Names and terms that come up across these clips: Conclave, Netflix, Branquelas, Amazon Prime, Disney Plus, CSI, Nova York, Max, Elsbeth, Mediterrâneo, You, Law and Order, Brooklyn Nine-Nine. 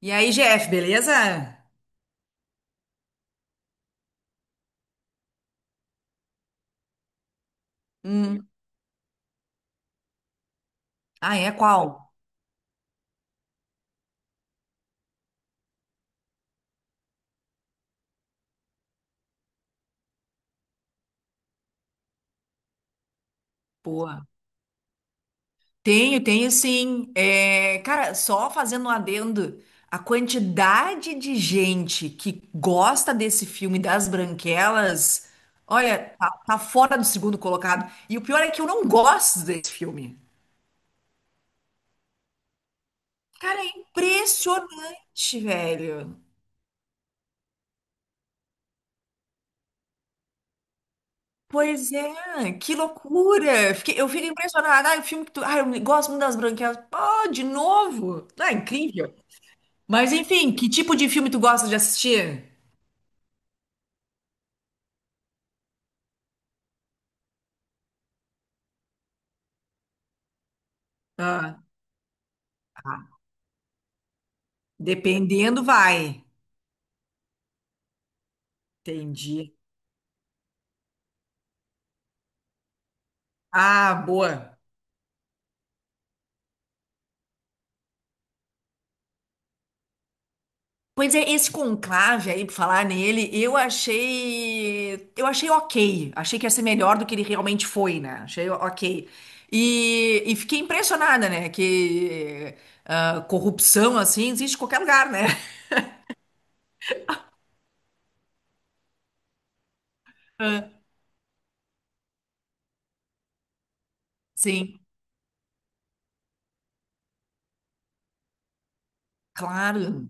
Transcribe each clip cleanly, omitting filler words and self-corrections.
E aí, Jeff, beleza? Hum. Ah, é? Qual? Boa. Tenho, tenho sim. Cara, só fazendo um adendo, a quantidade de gente que gosta desse filme das Branquelas, olha, tá fora do segundo colocado. E o pior é que eu não gosto desse filme. Cara, é impressionante, velho. Pois é, que loucura! Eu fico impressionada. Ah, o filme que tu. Ah, eu gosto muito das branquelas. Pô, de novo! Ah, incrível! Mas enfim, que tipo de filme tu gosta de assistir? Ah, tá. Dependendo, vai. Entendi. Ah, boa. Pois é, esse conclave aí, pra falar nele, eu achei. Eu achei ok. Achei que ia ser melhor do que ele realmente foi, né? Achei ok. E fiquei impressionada, né? Que ah, corrupção assim existe em qualquer lugar, né? Ah, sim, claro.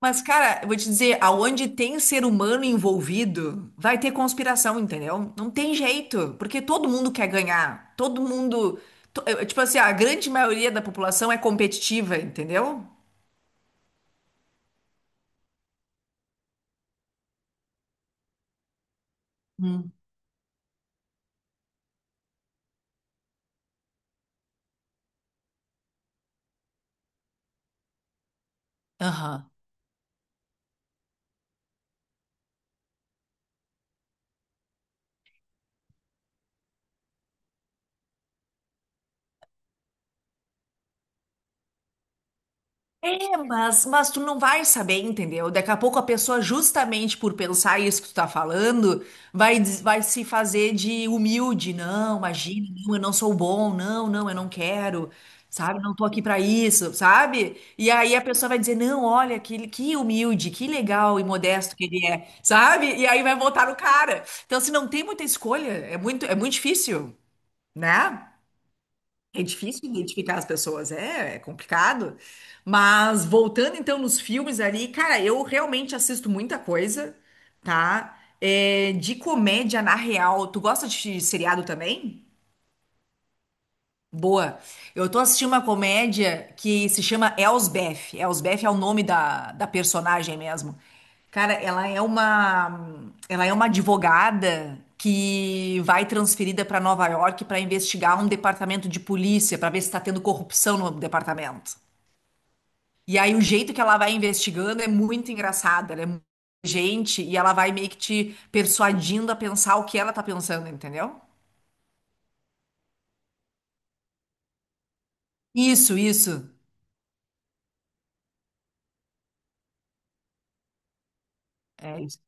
Mas, cara, eu vou te dizer, aonde tem ser humano envolvido, vai ter conspiração, entendeu? Não tem jeito, porque todo mundo quer ganhar. Todo mundo. Tipo assim, a grande maioria da população é competitiva, entendeu? Hum. Aham. É, mas tu não vai saber, entendeu? Daqui a pouco a pessoa, justamente por pensar isso que tu tá falando, vai se fazer de humilde. Não, imagina, não, eu não sou bom, não, não, eu não quero, sabe? Não tô aqui pra isso, sabe? E aí a pessoa vai dizer, não, olha, que humilde, que legal e modesto que ele é, sabe? E aí vai voltar no cara. Então, se não tem muita escolha, é muito difícil, né? É difícil identificar as pessoas, é complicado. Mas voltando então nos filmes ali, cara, eu realmente assisto muita coisa, tá? É, de comédia na real. Tu gosta de seriado também? Boa. Eu tô assistindo uma comédia que se chama Elsbeth. Elsbeth é o nome da personagem mesmo. Cara, ela é uma advogada que vai transferida para Nova York para investigar um departamento de polícia para ver se está tendo corrupção no departamento. E aí o jeito que ela vai investigando é muito engraçado, ela é muito inteligente e ela vai meio que te persuadindo a pensar o que ela tá pensando, entendeu? Isso, isso. É isso.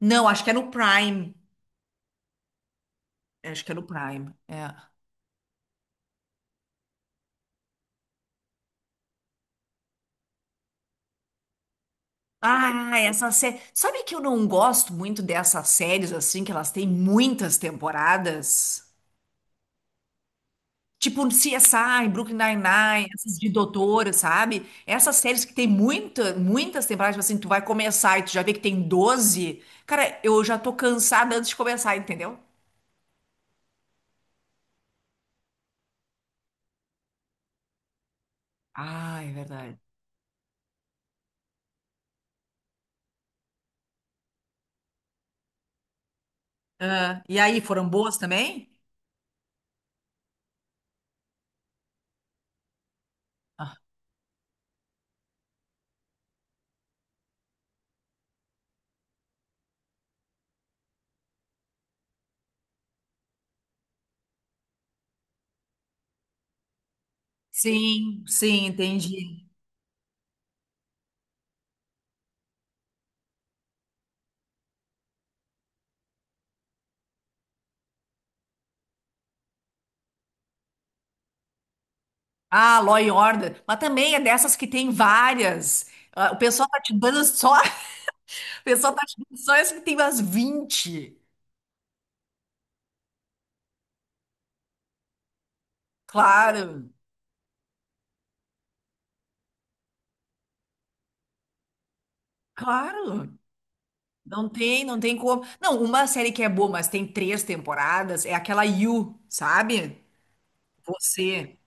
Não, acho que é no Prime. É, acho que é no Prime. É. Ah, essa série. Sabe que eu não gosto muito dessas séries assim, que elas têm muitas temporadas? Tipo CSI, Brooklyn Nine-Nine, essas de doutora, sabe? Essas séries que tem muita, muitas temporadas, tipo assim, tu vai começar e tu já vê que tem 12. Cara, eu já tô cansada antes de começar, entendeu? Ah, é verdade. Ah, e aí, foram boas também? Sim, sim, entendi. Ah, Law and Order. Mas também é dessas que tem várias. Ah, o pessoal tá te dando só. O pessoal tá te dando só essa que tem umas 20. Claro, claro. Não tem, não tem como. Não, uma série que é boa, mas tem três temporadas, é aquela You, sabe? Você.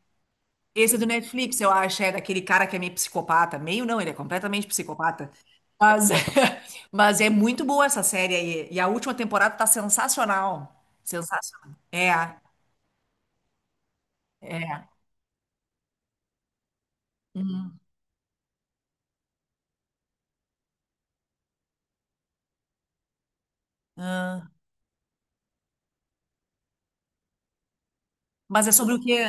Esse é do Netflix, eu acho, é daquele cara que é meio psicopata. Meio não, ele é completamente psicopata. Mas, mas é muito boa essa série aí. E a última temporada tá sensacional. Sensacional. É. Ah, mas é sobre o quê?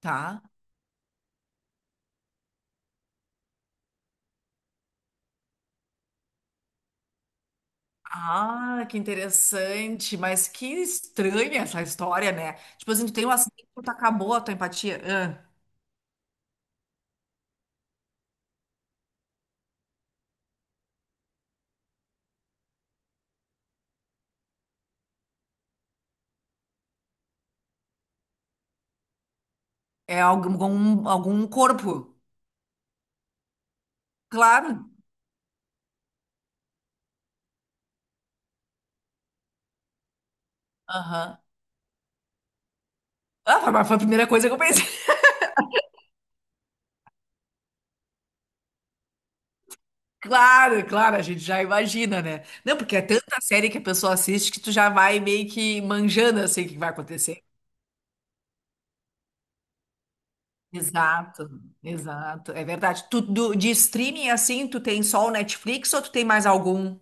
Tá. Ah, que interessante, mas que estranha essa história, né? Tipo assim, tu tem um acidente, tu acabou a tua empatia. Ah, é algum, algum corpo. Claro. Aham. Ah, foi mas foi a primeira coisa que eu pensei. Claro, claro, a gente já imagina, né? Não, porque é tanta série que a pessoa assiste que tu já vai meio que manjando assim o que vai acontecer. Exato, exato, é verdade. De streaming assim, tu tem só o Netflix ou tu tem mais algum?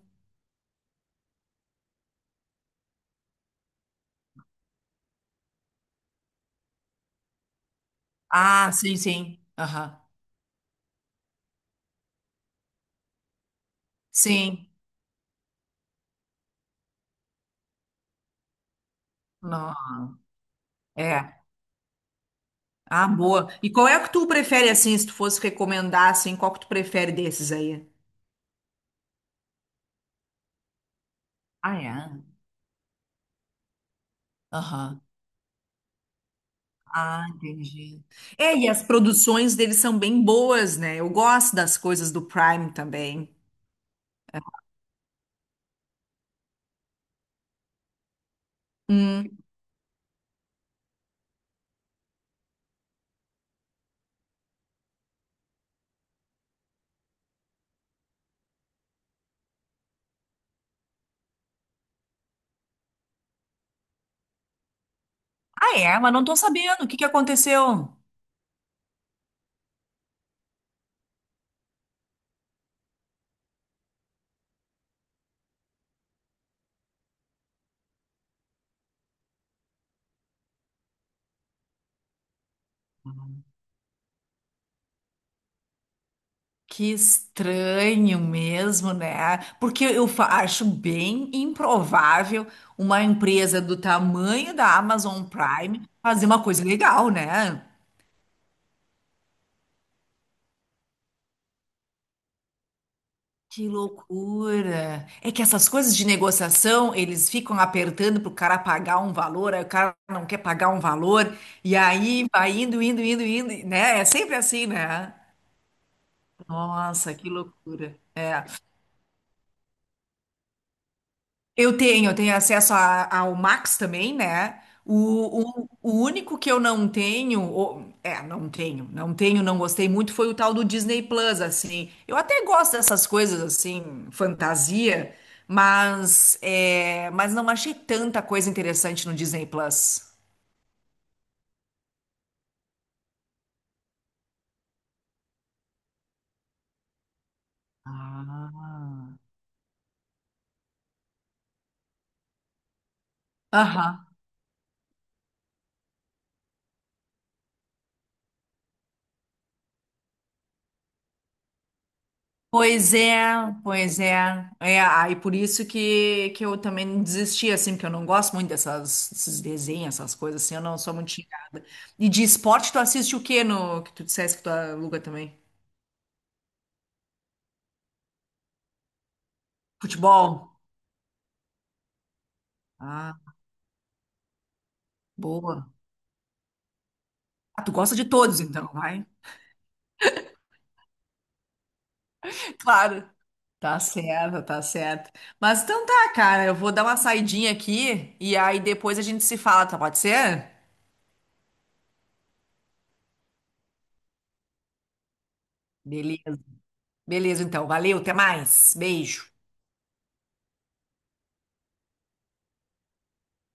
Ah, sim, sim. Aham. Sim. Não. É. Ah, boa. E qual é que tu prefere, assim, se tu fosse recomendar, assim, qual que tu prefere desses aí? Ah, é? Aham. Ah, entendi. É, e as produções deles são bem boas, né? Eu gosto das coisas do Prime também. Hum. Ah, é? Mas não tô sabendo. O que que aconteceu? Que estranho mesmo, né? Porque acho bem improvável uma empresa do tamanho da Amazon Prime fazer uma coisa legal, né? Que loucura! É que essas coisas de negociação, eles ficam apertando pro cara pagar um valor, aí o cara não quer pagar um valor, e aí vai indo, indo, indo, indo, né? É sempre assim, né? Nossa, que loucura. É. Eu tenho acesso ao Max também, né? O único que eu não tenho, não tenho, não tenho, não gostei muito, foi o tal do Disney Plus, assim. Eu até gosto dessas coisas, assim, fantasia, mas, é, mas não achei tanta coisa interessante no Disney Plus. Ah. Aham. Pois é, pois é. É, aí por isso que eu também desisti, assim, porque eu não gosto muito desses desenhos, essas coisas, assim, eu não sou muito chegada. E de esporte, tu assiste o quê no que tu dissesse que tu aluga também? Futebol? Ah, boa. Ah, tu gosta de todos, então, vai. Claro. Tá certo, tá certo. Mas então tá, cara, eu vou dar uma saidinha aqui e aí depois a gente se fala, tá? Pode ser? Beleza. Beleza, então. Valeu, até mais. Beijo.